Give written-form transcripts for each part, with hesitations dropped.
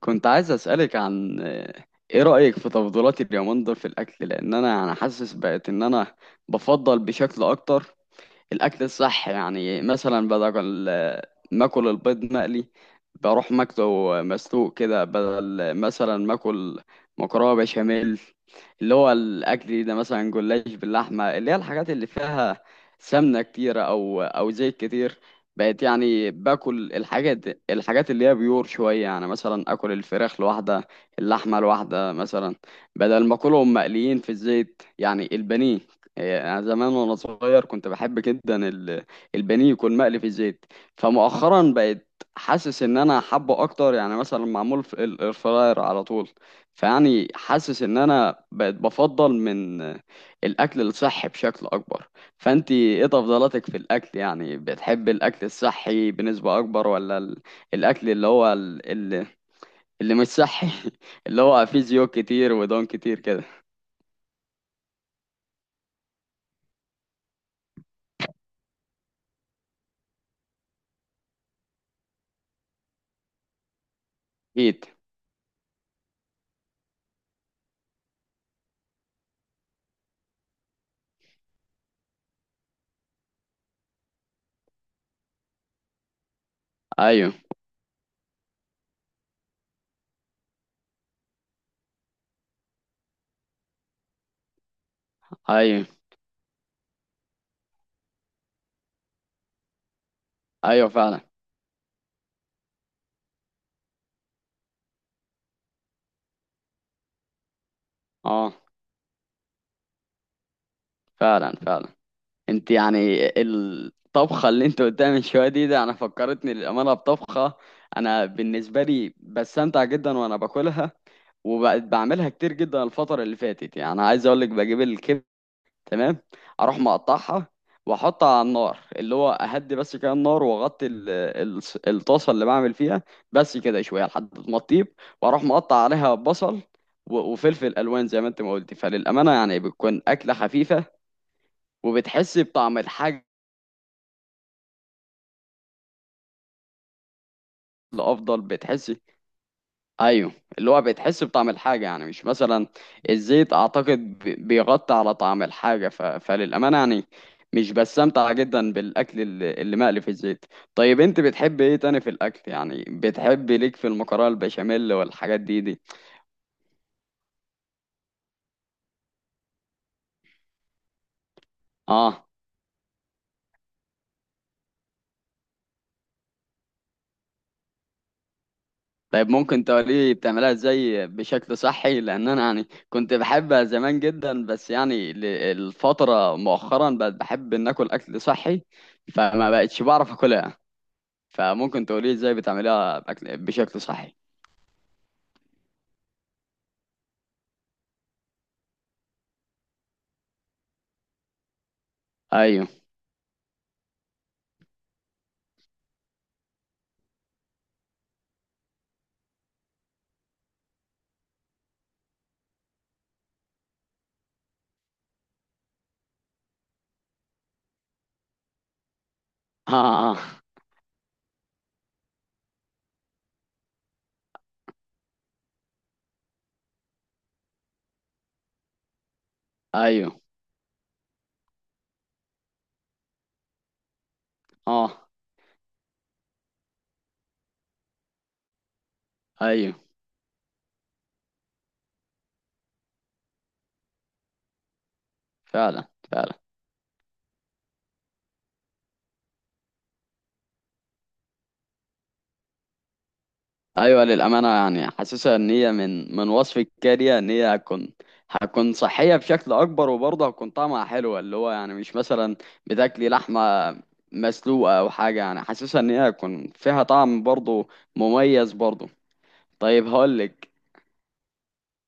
كنت عايز أسألك عن إيه رأيك في تفضيلاتي اليومين دول في الأكل؟ لأن أنا يعني حاسس بقت إن أنا بفضل بشكل أكتر الاكل الصح. يعني مثلا بدل ما اكل البيض مقلي بروح ماكله مسلوق كده، بدل مثلا ما اكل مكرونه بشاميل اللي هو الاكل ده، مثلا جلاش باللحمه، اللي هي الحاجات اللي فيها سمنه كتيره او زيت كتير. بقت يعني باكل الحاجات اللي هي بيور شويه، يعني مثلا اكل الفراخ لوحدها، اللحمه لوحدها مثلا، بدل ما اكلهم مقليين في الزيت يعني البانيه. هي أنا زمان وأنا صغير كنت بحب جدا البانيه يكون مقلي في الزيت، فمؤخرا بقيت حاسس إن أنا حابه أكتر يعني مثلا معمول في الإير فراير على طول. فيعني حاسس إن أنا بقيت بفضل من الأكل الصحي بشكل أكبر. فأنتي إيه تفضيلاتك في الأكل؟ يعني بتحب الأكل الصحي بنسبة أكبر، ولا الأكل اللي هو اللي مش صحي؟ اللي هو فيه زيوت كتير ودهون كتير كده. أكيد. أيوه. أيوه. أيوه فعلا. اه فعلا فعلا. انت يعني الطبخه اللي انت قدامي من شويه دي، ده انا فكرتني للامانه بطبخه انا بالنسبه لي بستمتع جدا وانا باكلها، وبقت بعملها كتير جدا الفتره اللي فاتت. يعني انا عايز اقول لك، بجيب الكبده، تمام، اروح مقطعها واحطها على النار اللي هو اهدي بس كده النار، واغطي الطاسه اللي بعمل فيها بس كده شويه لحد ما تطيب، واروح مقطع عليها بصل وفلفل الوان زي ما انت ما قلتي. فللامانه يعني بتكون اكله خفيفه وبتحس بطعم الحاجة الأفضل. بتحس، أيوه، اللي هو بتحس بطعم الحاجة يعني. مش مثلا الزيت، أعتقد بيغطي على طعم الحاجة. فللأمانة يعني مش بستمتع جدا بالأكل اللي مقلي في الزيت. طيب أنت بتحب إيه تاني في الأكل؟ يعني بتحب ليك في المكرونة البشاميل والحاجات دي؟ آه. طيب ممكن تقولي بتعملها ازاي بشكل صحي؟ لان انا يعني كنت بحبها زمان جدا، بس يعني الفترة مؤخرا بقت بحب ان اكل اكل صحي، فما بقتش بعرف اكلها. فممكن تقولي ازاي بتعمليها بأكل بشكل صحي؟ ايوه. اه, آه. آه. ايوه. اه ايوه فعلا فعلا. ايوه للامانه يعني حاسسها ان هي من وصف الكارية ان هي هتكون هتكون صحيه بشكل اكبر، وبرضه هتكون طعمها حلو اللي هو يعني. مش مثلا بتاكلي لحمه مسلوقه او حاجه، يعني حاسسها ان هي هتكون فيها طعم برضه مميز برضه. طيب هقولك،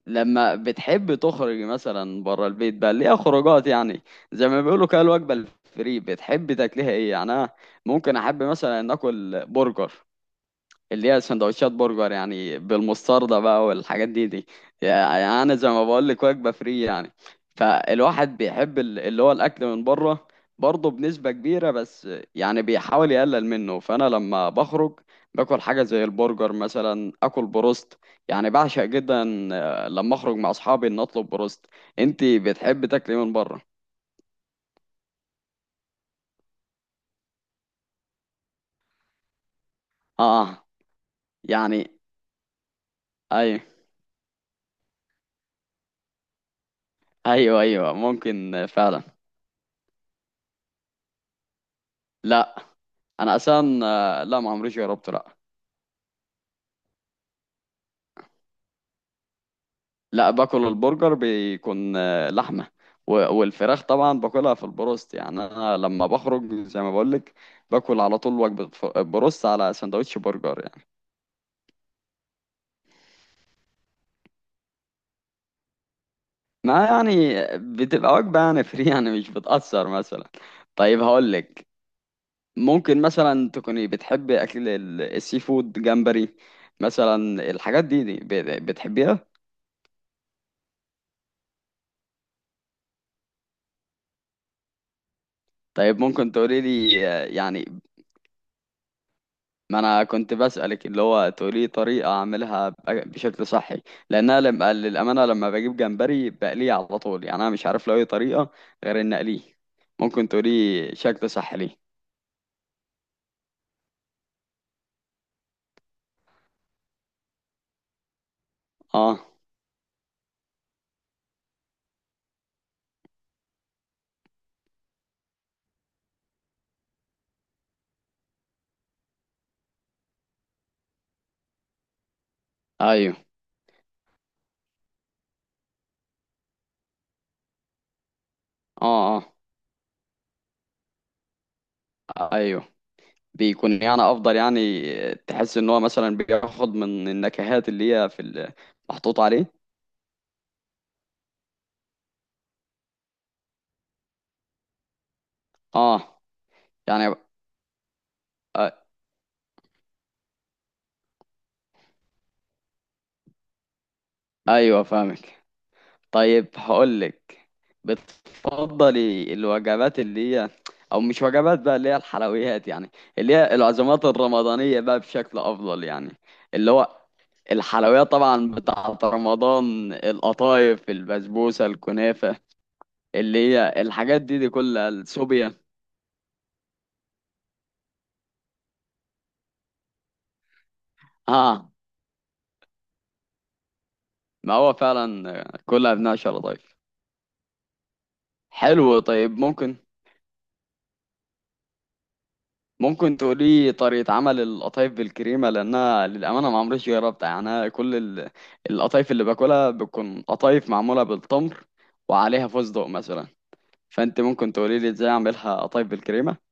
لما بتحب تخرج مثلا بره البيت، بقى ليها خروجات يعني زي ما بيقولوا كده الوجبه الفري، بتحب تاكليها ايه؟ يعني انا ممكن احب مثلا ان اكل برجر، اللي هي سندوتشات برجر يعني بالمستردة بقى والحاجات دي. يعني انا زي ما بقول لك، وجبة فري يعني. فالواحد بيحب اللي هو الاكل من بره برضه بنسبة كبيرة، بس يعني بيحاول يقلل منه. فانا لما بخرج باكل حاجة زي البرجر، مثلا اكل بروست يعني بعشق جدا. لما اخرج مع اصحابي ان اطلب بروست. انت بتحب تاكلي من بره؟ اه يعني ايوه. ايوه ايوه ممكن فعلا. لا انا اصلا لا ما عمريش جربته، لا. لا باكل البرجر بيكون لحمة، والفراخ طبعا باكلها في البروست. يعني انا لما بخرج زي ما بقولك، باكل على طول وجبة بروست على سندوتش برجر يعني. ما يعني بتبقى وجبة يعني فري يعني مش بتأثر مثلا. طيب هقولك، ممكن مثلا تكوني بتحبي اكل السي فود، جمبري مثلا، الحاجات دي, دي بتحبيها؟ طيب ممكن تقولي لي يعني، ما انا كنت بسألك اللي هو تقولي طريقة اعملها بشكل صحي. لان انا لما للامانة لما بجيب جمبري بقليه على طول، يعني انا مش عارف له اي طريقة غير ان اقليه. ممكن تقولي شكل صحي ليه؟ اه ايوه. اه اه ايوه، بيكون يعني افضل يعني. تحس ان هو مثلا بياخد من النكهات اللي هي في محطوط عليه. اه يعني آه، ايوه فاهمك. طيب هقولك، بتفضلي الوجبات اللي هي، او مش وجبات بقى، اللي هي الحلويات يعني، اللي هي العزومات الرمضانية بقى بشكل افضل يعني؟ اللي هو الحلويات طبعا بتاعة رمضان، القطايف، البسبوسة، الكنافة، اللي هي الحاجات دي كلها، السوبيا. اه ما هو فعلا كلها بنعشة لطيف. حلو. طيب ممكن ممكن تقولي طريقة عمل القطايف بالكريمة؟ لأنها للأمانة ما عمريش جربتها. يعني أنا كل القطايف اللي باكلها بتكون قطايف معمولة بالتمر وعليها فستق مثلا. فأنت ممكن تقولي لي إزاي أعملها قطايف بالكريمة؟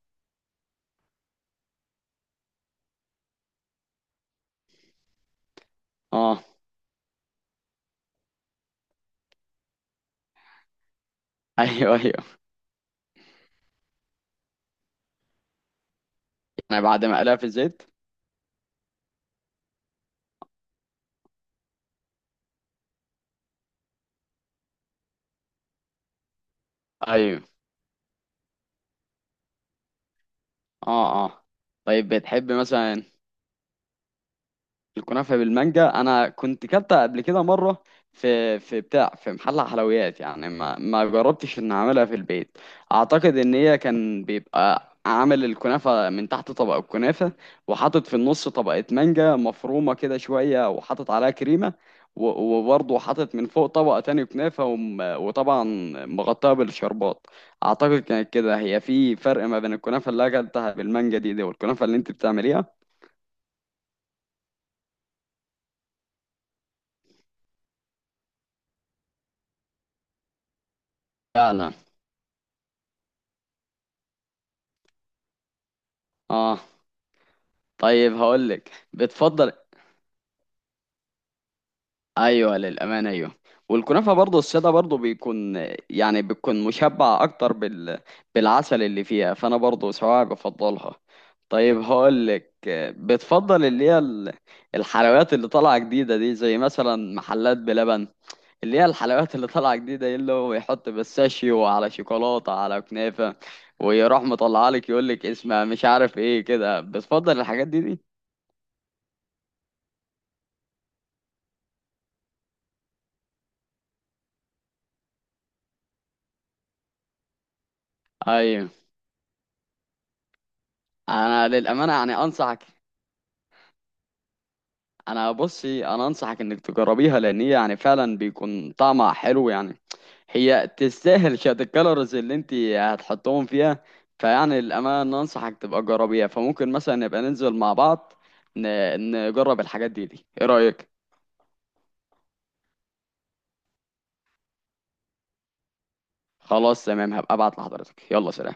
آه. أيوه أيوه. يعني بعد ما أقليها في الزيت؟ أيوه. آه آه. طيب بتحب مثلا الكنافة بالمانجا؟ أنا كنت كلتها قبل كده مرة في في بتاع في محل حلويات يعني، ما جربتش إن أعملها في البيت. أعتقد إن هي كان بيبقى عامل الكنافة من تحت طبق الكنافة، وحاطط في النص طبقة مانجا مفرومة كده شوية، وحاطط عليها كريمة، وبرضه حاطط من فوق طبقة تاني كنافة، وطبعا مغطاها بالشربات. أعتقد كانت كده هي، في فرق ما بين الكنافة اللي أكلتها بالمانجا دي والكنافة اللي أنت بتعمليها. فعلا. اه. طيب هقول لك بتفضل. ايوه للامانه ايوه. والكنافه برضه الساده برضه بيكون يعني بتكون مشبع اكتر بالعسل اللي فيها، فانا برضه سواء بفضلها. طيب هقول لك، بتفضل اللي هي الحلويات اللي طالعه جديده دي زي مثلا محلات بلبن، اللي هي الحلويات اللي طالعه جديده إيه اللي هو يحط بيستاشيو على شوكولاته على كنافه، ويروح مطلعها لك يقول لك اسمها مش عارف ايه كده؟ بتفضل الحاجات دي؟ ايوه. انا للامانه يعني انصحك، انا بصي انا انصحك انك تجربيها، لان هي يعني فعلا بيكون طعمها حلو يعني. هي تستاهل شويه الكالوريز اللي انت هتحطهم فيها. فيعني للامانه انصحك تبقى جربيها. فممكن مثلا نبقى ننزل مع بعض نجرب الحاجات دي، ايه رايك؟ خلاص تمام، هبقى ابعت لحضرتك، يلا سلام.